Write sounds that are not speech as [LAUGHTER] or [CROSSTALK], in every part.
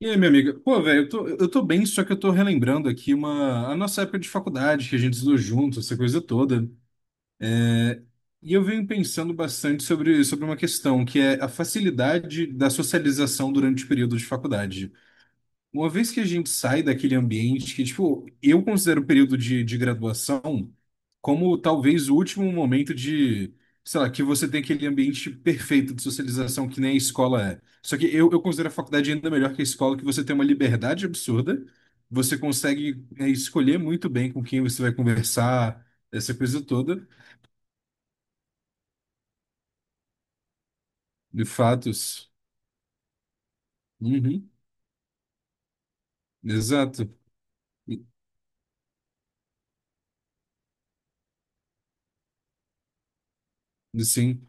E aí, minha amiga? Pô, velho, eu tô bem, só que eu tô relembrando aqui a nossa época de faculdade, que a gente estudou junto, essa coisa toda. E eu venho pensando bastante sobre uma questão, que é a facilidade da socialização durante o período de faculdade. Uma vez que a gente sai daquele ambiente que, tipo, eu considero o período de graduação como talvez o último momento sei lá, que você tem aquele ambiente perfeito de socialização que nem a escola é. Só que eu considero a faculdade ainda melhor que a escola, que você tem uma liberdade absurda, você consegue, é, escolher muito bem com quem você vai conversar, essa coisa toda, de fatos. Uhum, exato. E- Sim,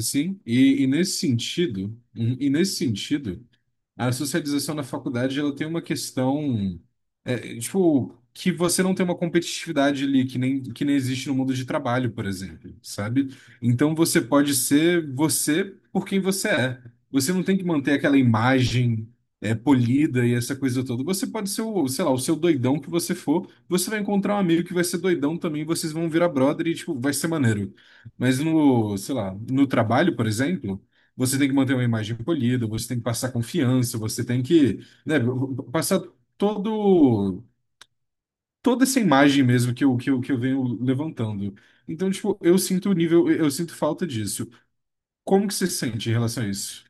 sim. E nesse sentido, uhum, e nesse sentido. A socialização na faculdade, ela tem uma questão, é, tipo, que você não tem uma competitividade ali, que nem existe no mundo de trabalho, por exemplo, sabe? Então você pode ser você por quem você é. Você não tem que manter aquela imagem, é, polida e essa coisa toda. Você pode ser sei lá, o seu doidão que você for, você vai encontrar um amigo que vai ser doidão também, vocês vão virar brother e, tipo, vai ser maneiro. Mas no, sei lá, no trabalho, por exemplo. Você tem que manter uma imagem polida, você tem que passar confiança, você tem que, né, passar todo, toda essa imagem mesmo que eu venho levantando. Então, tipo, eu sinto falta disso. Como que você se sente em relação a isso?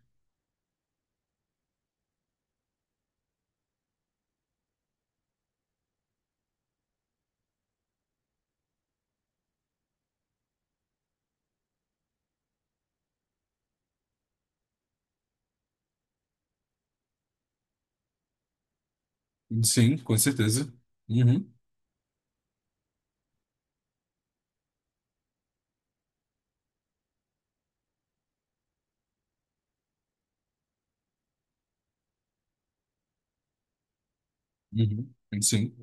Sim, com certeza. Uhum, uhum, sim,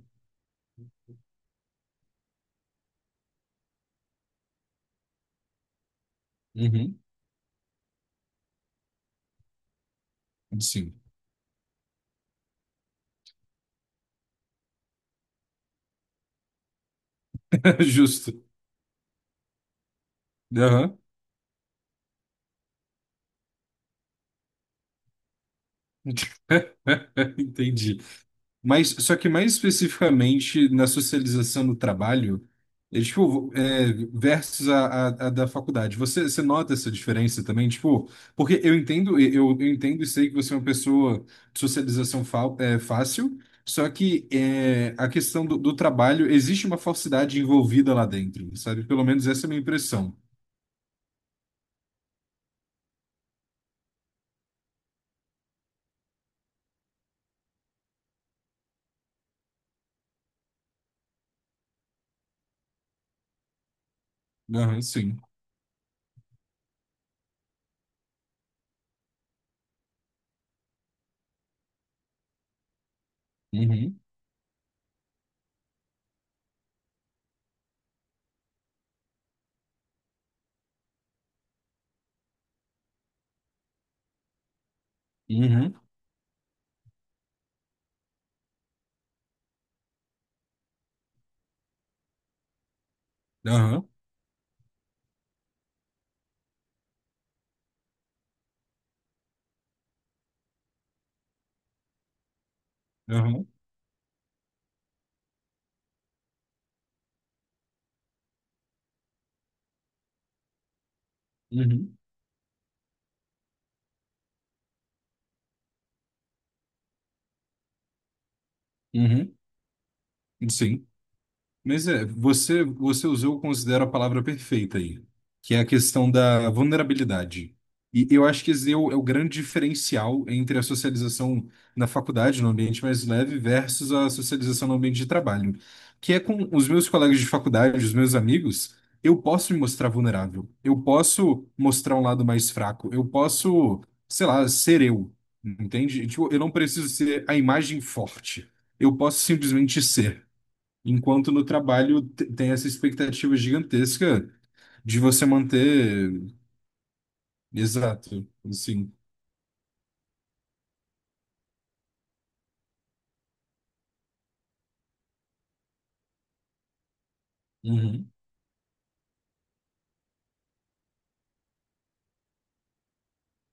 uhum, sim. [LAUGHS] Justo. Aham. [LAUGHS] Entendi. Mas, só que mais especificamente na socialização do trabalho, é, tipo, versus a da faculdade. Você nota essa diferença também? Tipo, porque eu entendo, eu entendo e sei que você é uma pessoa de socialização fácil, só que a questão do trabalho, existe uma falsidade envolvida lá dentro, sabe? Pelo menos essa é a minha impressão. Aham, sim. Uhum, uhum, aham, aham, uhum, uhum, uhum, sim. Mas é, você usou, eu considero a palavra perfeita aí, que é a questão da vulnerabilidade. E eu acho que esse é o grande diferencial entre a socialização na faculdade, no ambiente mais leve, versus a socialização no ambiente de trabalho, que é com os meus colegas de faculdade, os meus amigos, eu posso me mostrar vulnerável, eu posso mostrar um lado mais fraco, eu posso, sei lá, ser eu, entende? Tipo, eu não preciso ser a imagem forte, eu posso simplesmente ser. Enquanto no trabalho tem essa expectativa gigantesca de você manter. Exato, assim. Uhum,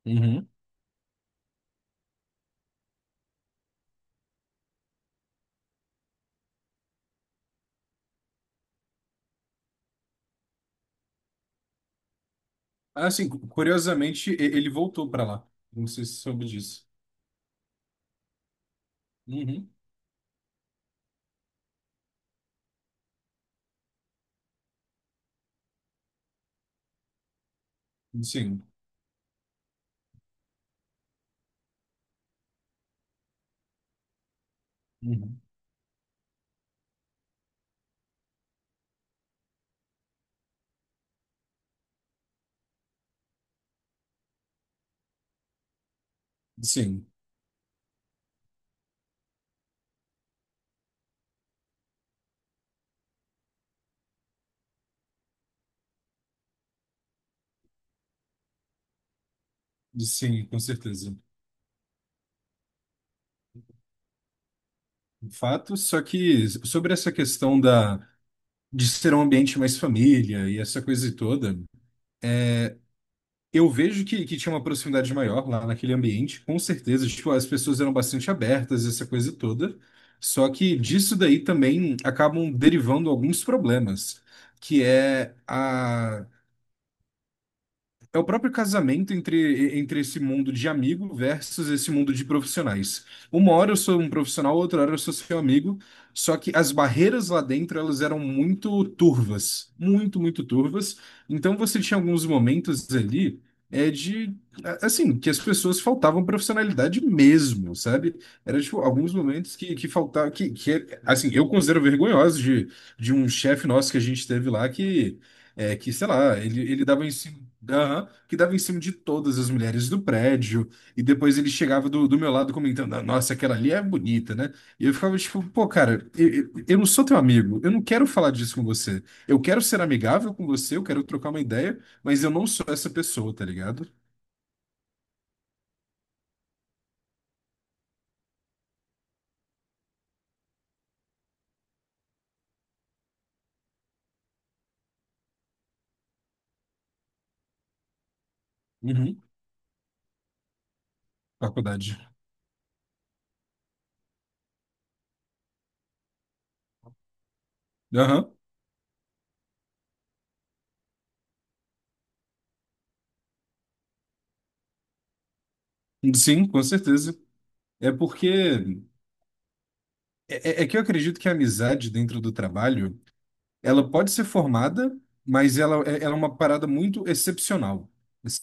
uhum. Ah, assim, curiosamente, ele voltou para lá. Não sei se você soube disso. Uhum, sim, uhum. Sim, sim, com certeza. Fato, só que sobre essa questão de ser um ambiente mais família e essa coisa toda. Eu vejo que tinha uma proximidade maior lá naquele ambiente, com certeza. Tipo, as pessoas eram bastante abertas, essa coisa toda. Só que disso daí também acabam derivando alguns problemas, que é a é o próprio casamento entre esse mundo de amigo versus esse mundo de profissionais. Uma hora eu sou um profissional, outra hora eu sou seu amigo, só que as barreiras lá dentro elas eram muito turvas, muito, muito turvas. Então você tinha alguns momentos ali é de assim, que as pessoas faltavam profissionalidade mesmo, sabe? Era tipo alguns momentos que faltava que assim, eu considero vergonhoso de um chefe nosso que a gente teve lá que é que, sei lá, ele dava em cima, aham, que dava em cima de todas as mulheres do prédio, e depois ele chegava do meu lado comentando, "Ah, nossa, aquela ali é bonita, né?" E eu ficava tipo, pô, cara, eu não sou teu amigo, eu não quero falar disso com você. Eu quero ser amigável com você, eu quero trocar uma ideia, mas eu não sou essa pessoa, tá ligado? Uhum, faculdade. Aham, sim, com certeza. É porque. É que eu acredito que a amizade dentro do trabalho. Ela pode ser formada, mas ela é uma parada muito excepcional,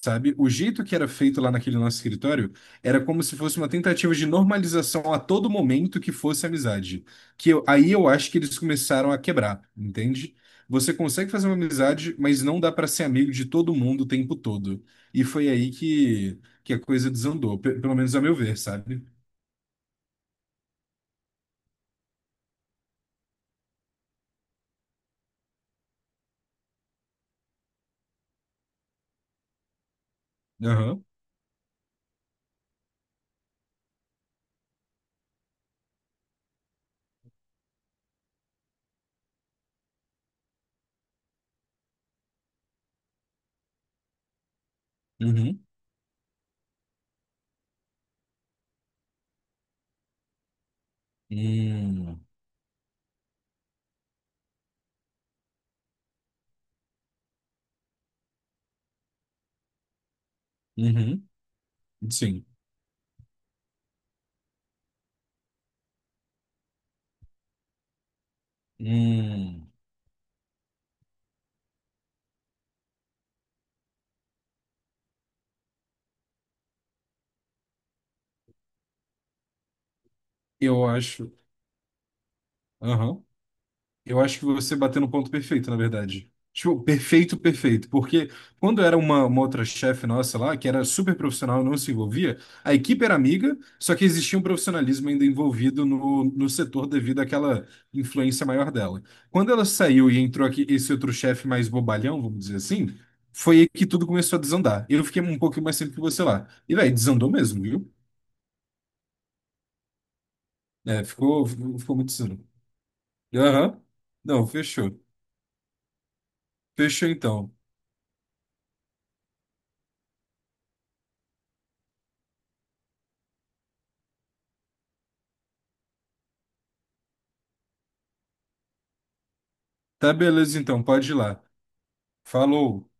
sabe? O jeito que era feito lá naquele nosso escritório era como se fosse uma tentativa de normalização a todo momento que fosse amizade. Aí eu acho que eles começaram a quebrar, entende? Você consegue fazer uma amizade, mas não dá para ser amigo de todo mundo o tempo todo. E foi aí que a coisa desandou, pelo menos a meu ver, sabe? Aham. Uhum. Hum. Uhum. Sim. Hum. Eu acho. Aham. Eu acho que você bateu no ponto perfeito, na verdade. Tipo, perfeito, perfeito. Porque quando era uma outra chefe nossa lá, que era super profissional, e não se envolvia, a equipe era amiga, só que existia um profissionalismo ainda envolvido no setor devido àquela influência maior dela. Quando ela saiu e entrou aqui esse outro chefe mais bobalhão, vamos dizer assim, foi aí que tudo começou a desandar. Eu fiquei um pouquinho mais tempo que você lá. E, velho, desandou mesmo, viu? É, ficou muito desandado. Aham. Não, fechou. Fechou então. Tá beleza então, pode ir lá. Falou.